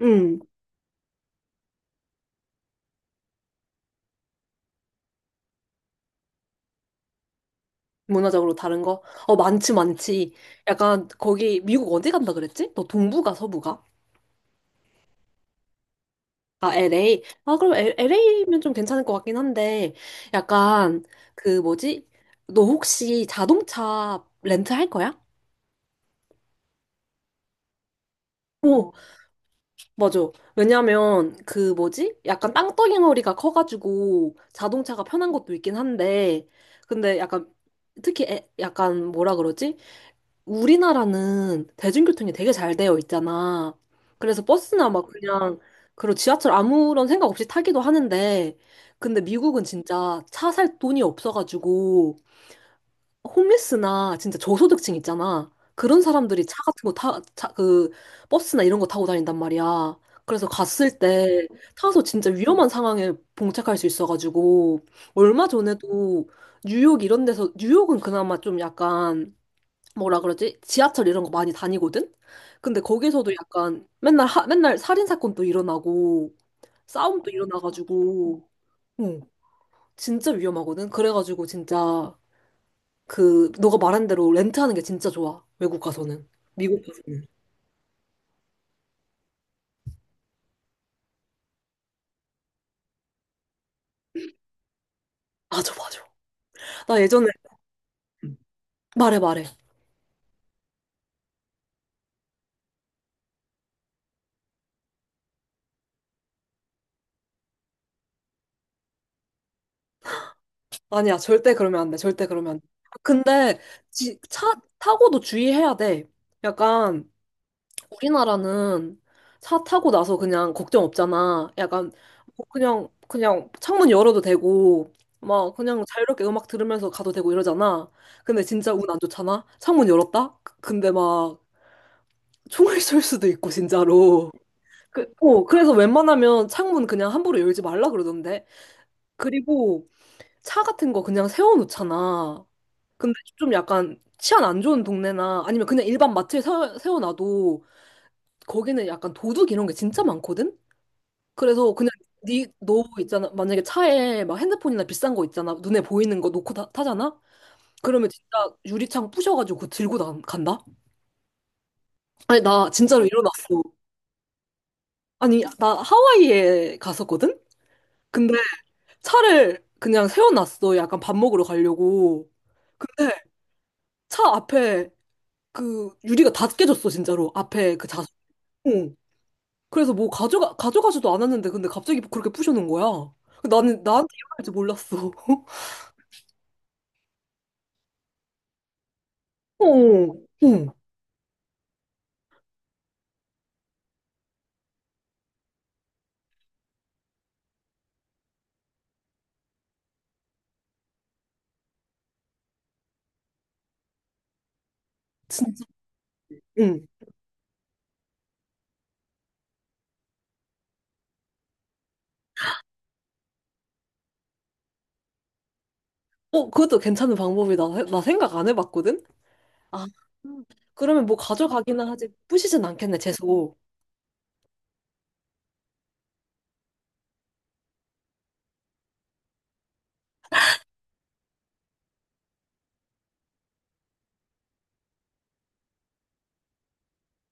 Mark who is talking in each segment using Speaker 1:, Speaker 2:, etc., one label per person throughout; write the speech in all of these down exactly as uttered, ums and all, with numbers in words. Speaker 1: 음, 문화적으로 다른 거? 어, 많지, 많지. 약간, 거기, 미국 어디 간다 그랬지? 너 동부가, 서부가? 아, 엘에이. 아, 그럼 엘에이면 좀 괜찮을 것 같긴 한데, 약간, 그 뭐지? 너 혹시 자동차 렌트 할 거야? 오, 맞아. 왜냐면, 그 뭐지? 약간 땅덩어리가 커가지고, 자동차가 편한 것도 있긴 한데, 근데 약간, 특히 에- 약간 뭐라 그러지? 우리나라는 대중교통이 되게 잘 되어 있잖아. 그래서 버스나 막 그냥, 그리고 지하철 아무런 생각 없이 타기도 하는데, 근데 미국은 진짜 차 살 돈이 없어가지고, 홈리스나 진짜 저소득층 있잖아. 그런 사람들이 차 같은 거 타, 차, 그, 버스나 이런 거 타고 다닌단 말이야. 그래서 갔을 때 타서 진짜 위험한 상황에 봉착할 수 있어가지고, 얼마 전에도 뉴욕 이런 데서, 뉴욕은 그나마 좀 약간, 뭐라 그러지? 지하철 이런 거 많이 다니거든? 근데 거기서도 음. 약간 맨날 하, 맨날 살인 사건도 일어나고 싸움도 일어나가지고 응, 진짜 위험하거든. 그래가지고 진짜 그 너가 말한 대로 렌트하는 게 진짜 좋아. 외국 가서는. 미국 가서는. 맞아, 맞아. 나 예전에 말해 말해. 아니야, 절대 그러면 안 돼. 절대 그러면 안 돼. 근데 지, 차 타고도 주의해야 돼. 약간 우리나라는 차 타고 나서 그냥 걱정 없잖아. 약간 뭐 그냥 그냥 창문 열어도 되고 막 그냥 자유롭게 음악 들으면서 가도 되고 이러잖아. 근데 진짜 운 안 좋잖아. 창문 열었다? 그- 근데 막 총을 쏠 수도 있고 진짜로. 그, 어, 그래서 웬만하면 창문 그냥 함부로 열지 말라 그러던데. 그리고 차 같은 거 그냥 세워놓잖아. 근데 좀 약간 치안 안 좋은 동네나 아니면 그냥 일반 마트에 세- 세워놔도 거기는 약간 도둑 이런 게 진짜 많거든? 그래서 그냥 니, 너 있잖아. 만약에 차에 막 핸드폰이나 비싼 거 있잖아. 눈에 보이는 거 놓고 타, 잖아 그러면 진짜 유리창 부셔가지고 그거 들고 나, 간다? 아니, 나 진짜로 일어났어. 아니, 나 하와이에 갔었거든? 근데 차를 그냥 세워놨어. 약간 밥 먹으러 가려고. 근데 차 앞에 그 유리가 다 깨졌어, 진짜로. 앞에 그 자석. 어. 그래서 뭐 가져가, 가져가지도 않았는데, 근데 갑자기 그렇게 부셔는 거야. 나는, 나한테 일어날 줄 몰랐어. 어, 응, 진짜, 응. 어, 그것도 괜찮은 방법이다. 나 나 생각 안 해봤거든? 아, 음. 그러면 뭐 가져가기는 하지, 부시진 않겠네, 재수.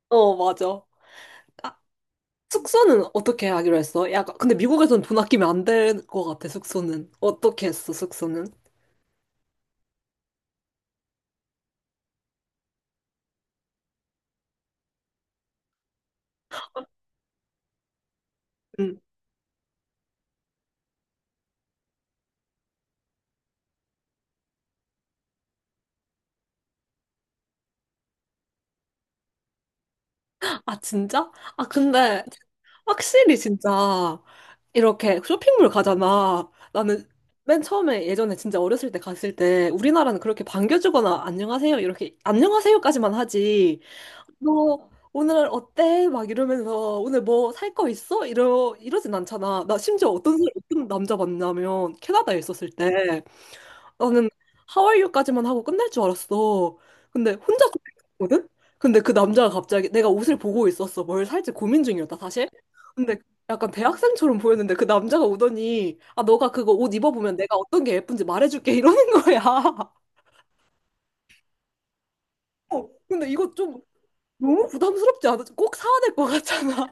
Speaker 1: 어, 맞아. 아, 숙소는 어떻게 하기로 했어? 약간, 근데 미국에선 돈 아끼면 안 될 것 같아, 숙소는. 어떻게 했어, 숙소는? 응. 아, 진짜? 아, 근데 확실히 진짜 이렇게 쇼핑몰 가잖아. 나는 맨 처음에 예전에 진짜 어렸을 때 갔을 때 우리나라는 그렇게 반겨주거나 안녕하세요 이렇게 안녕하세요까지만 하지. 너 오늘 어때? 막 이러면서 오늘 뭐 살 거 있어? 이러 이러진 않잖아. 나 심지어 어떤 사람- 어떤 남자 만나면 캐나다에 있었을 때 나는 하와이유까지만 하고 끝날 줄 알았어. 근데 혼자 고민했거든? 근데 그 남자가 갑자기 내가 옷을 보고 있었어. 뭘 살지 고민 중이었다, 사실. 근데 약간 대학생처럼 보였는데 그 남자가 오더니 아, 너가 그거 옷 입어보면 내가 어떤 게 예쁜지 말해줄게 이러는 거야. 어, 근데 이거 좀 너무 부담스럽지 않아? 꼭 사야 될 것 같잖아.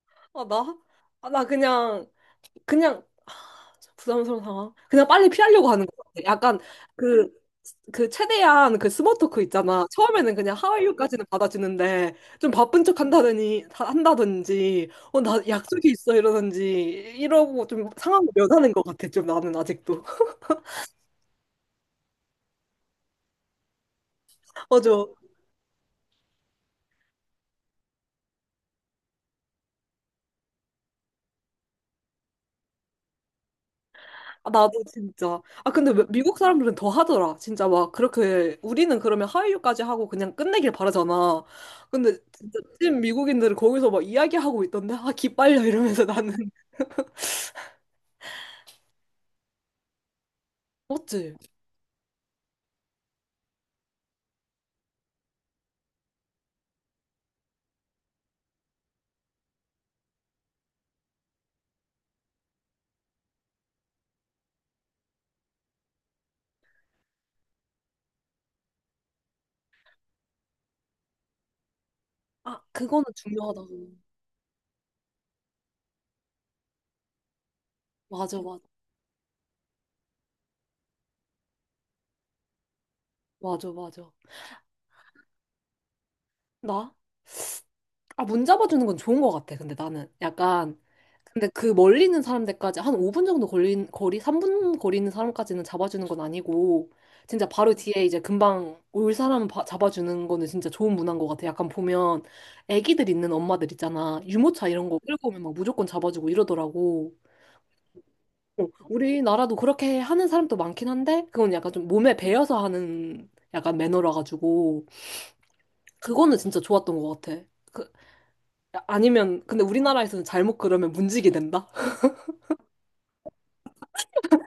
Speaker 1: 아, 나? 아, 나 그냥, 그냥, 아, 참 부담스러운 상황. 그냥 빨리 피하려고 하는 것 같아. 약간 그 그 최대한 그 스모 토크 있잖아. 처음에는 그냥 하와이유까지는 받아주는데 좀 바쁜 척 한다더니 다- 한다든지 어 나 약속이 있어 이러든지 이러고 좀 상황을 면하는 것 같아. 좀 나는 아직도. 맞아. 아, 나도 진짜. 아 근데 왜- 미국 사람들은 더 하더라. 진짜 막 그렇게 우리는 그러면 하와이유까지 하고 그냥 끝내길 바라잖아. 근데 진짜 찐 미국인들은 거기서 막 이야기하고 있던데 아 기빨려 이러면서 나는. 맞지? 아 그거는 중요하다고. 맞아 맞아 맞아 맞아. 나? 아, 문 잡아주는 건 좋은 것 같아. 근데 나는 약간, 근데 그 멀리 있는 사람들까지 한 오 분 정도 걸린, 거리, 삼 분 거리 있는 사람까지는 잡아주는 건 아니고, 진짜 바로 뒤에 이제 금방 올 사람 바- 잡아주는 거는 진짜 좋은 문화인 것 같아. 약간 보면 애기들 있는 엄마들 있잖아. 유모차 이런 거 끌고 오면 막 무조건 잡아주고 이러더라고. 어, 우리나라도 그렇게 하는 사람도 많긴 한데, 그건 약간 좀 몸에 배어서 하는 약간 매너라 가지고, 그거는 진짜 좋았던 것 같아. 그 아니면 근데 우리나라에서는 잘못 그러면 문지기 된다.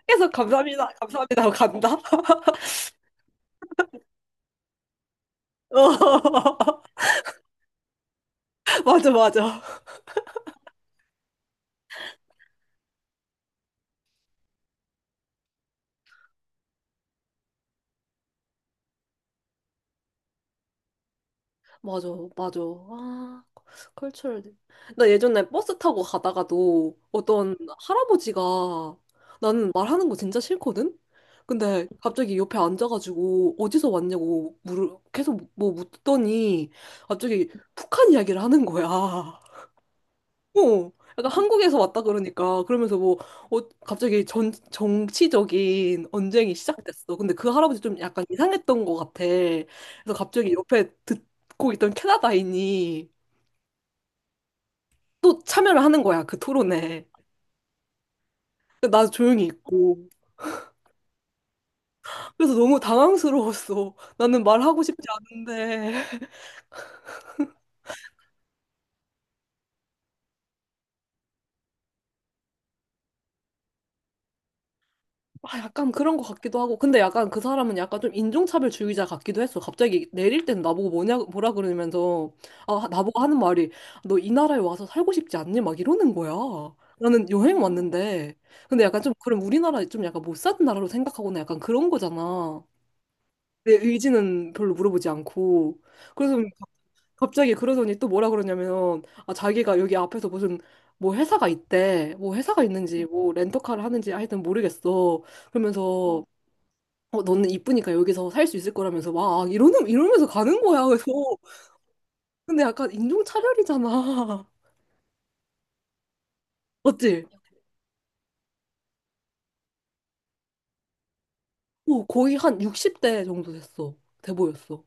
Speaker 1: 계속 감사합니다, 감사합니다 하고 간다. 어, 맞아, 맞아, 맞아, 맞아. 아, 컬처럴. 나 예전에 버스 타고 가다가도 어떤 할아버지가 나는 말하는 거 진짜 싫거든. 근데 갑자기 옆에 앉아가지고 어디서 왔냐고 물을 계속 뭐 뭐 묻더니 갑자기 북한 이야기를 하는 거야. 어, 약간 한국에서 왔다 그러니까 그러면서 뭐 어, 갑자기 전 정치적인 언쟁이 시작됐어. 근데 그 할아버지 좀 약간 이상했던 것 같아. 그래서 갑자기 옆에 듣고 있던 캐나다인이 또 참여를 하는 거야 그 토론에. 근데 나 조용히 있고 그래서 너무 당황스러웠어. 나는 말하고 싶지 않은데. 아, 약간 그런 것 같기도 하고. 근데 약간 그 사람은 약간 좀 인종차별 주의자 같기도 했어. 갑자기 내릴 땐 나보고 뭐냐, 뭐라 그러면서, 아, 나보고 하는 말이, 너 이 나라에 와서 살고 싶지 않니? 막 이러는 거야. 나는 여행 왔는데. 근데 약간 좀, 그럼 우리나라 좀 약간 못 사는 나라로 생각하거나 약간 그런 거잖아. 내 의지는 별로 물어보지 않고. 그래서 갑자기 그러더니 또 뭐라 그러냐면, 아, 자기가 여기 앞에서 무슨, 뭐 회사가 있대. 뭐 회사가 있는지, 뭐 렌터카를 하는지 하여튼 모르겠어. 그러면서, 어, 너는 이쁘니까 여기서 살 수 있을 거라면서 막 아, 이러는 이러면서 가는 거야. 그래서 근데 약간 인종 차별이잖아. 맞지? 어, 거의 한 육십 대 정도 됐어. 돼 보였어.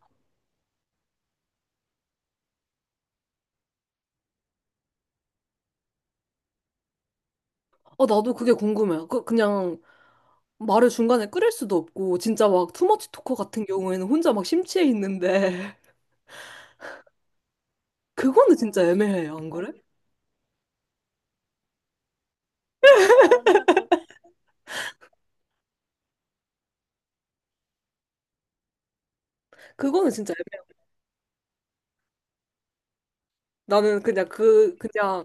Speaker 1: 어, 나도 그게 궁금해. 그, 그냥 말을 중간에 끊을 수도 없고 진짜 막 투머치 토커 같은 경우에는 혼자 막 심취해 있는데 그거는 진짜 애매해. 안 그래? 그거는 진짜 애매해. 나는 그냥 그 그냥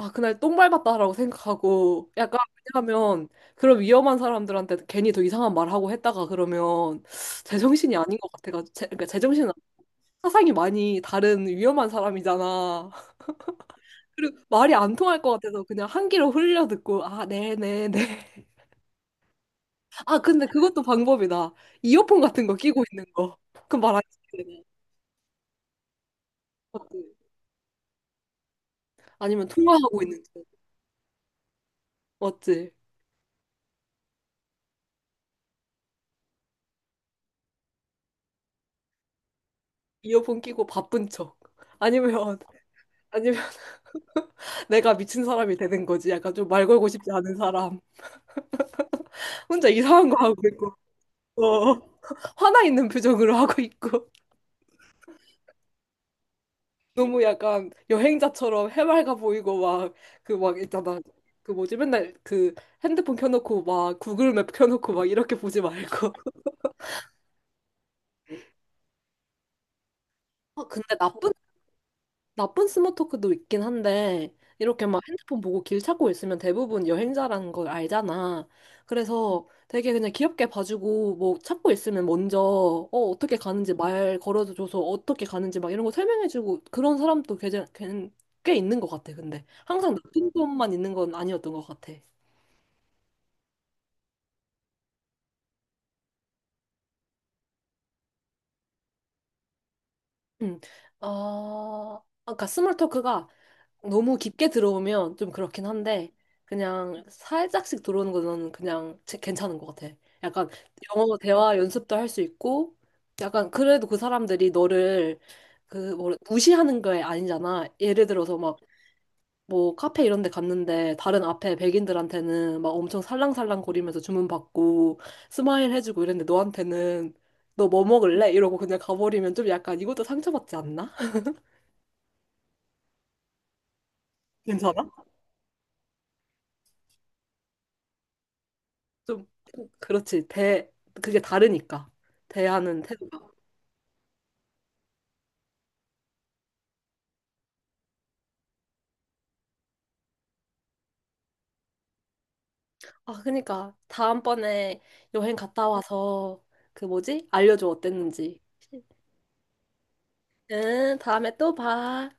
Speaker 1: 아, 그날 똥 밟았다라고 생각하고, 약간, 왜냐하면, 그런 위험한 사람들한테 괜히 더 이상한 말 하고 했다가 그러면, 제정신이 아닌 것 같아가지고, 제, 그러니까 제정신은 아니고 사상이 많이 다른 위험한 사람이잖아. 그리고 말이 안 통할 것 같아서 그냥 한 귀로 흘려 듣고, 아, 네네네. 아, 근데 그것도 방법이다. 이어폰 같은 거 끼고 있는 거. 그럼 말안 듣아 맞지? 아니면 통화하고 있는 거. 맞지? 이어폰 끼고 바쁜 척. 아니면, 아니면, 내가 미친 사람이 되는 거지. 약간 좀 말 걸고 싶지 않은 사람. 혼자 이상한 거 하고 있고, 어, 화나 있는 표정으로 하고 있고. 너무 약간 여행자처럼 해맑아 보이고, 막, 그 막 있잖아. 그 뭐지, 맨날 그 핸드폰 켜놓고 막 구글맵 켜놓고 막 이렇게 보지 말고. 아, 근데 나쁜 나쁜 스몰 토크도 있긴 한데, 이렇게 막 핸드폰 보고 길 찾고 있으면 대부분 여행자라는 걸 알잖아. 그래서 되게 그냥 귀엽게 봐주고, 뭐 찾고 있으면 먼저, 어, 어떻게 가는지 말 걸어줘서 어떻게 가는지 막 이런 거 설명해주고, 그런 사람도 꽤, 꽤 있는 것 같아, 근데. 항상 나쁜 것만 있는 건 아니었던 것 같아. 음 어, 아, 아까 스몰 토크가 너무 깊게 들어오면 좀 그렇긴 한데 그냥 살짝씩 들어오는 거는 그냥 제- 괜찮은 것 같아. 약간 영어 대화 연습도 할 수 있고 약간 그래도 그 사람들이 너를 그 뭐 무시하는 게 아니잖아. 예를 들어서 막 뭐 카페 이런 데 갔는데 다른 앞에 백인들한테는 막 엄청 살랑살랑 거리면서 주문 받고 스마일 해주고 이랬는데 너한테는 너 뭐 먹을래? 이러고 그냥 가버리면 좀 약간 이것도 상처받지 않나? 괜찮아? 좀 그렇지 대 그게 다르니까 대하는 태도가 아 그러니까 다음번에 여행 갔다 와서 그 뭐지 알려줘 어땠는지 응 다음에 또 봐.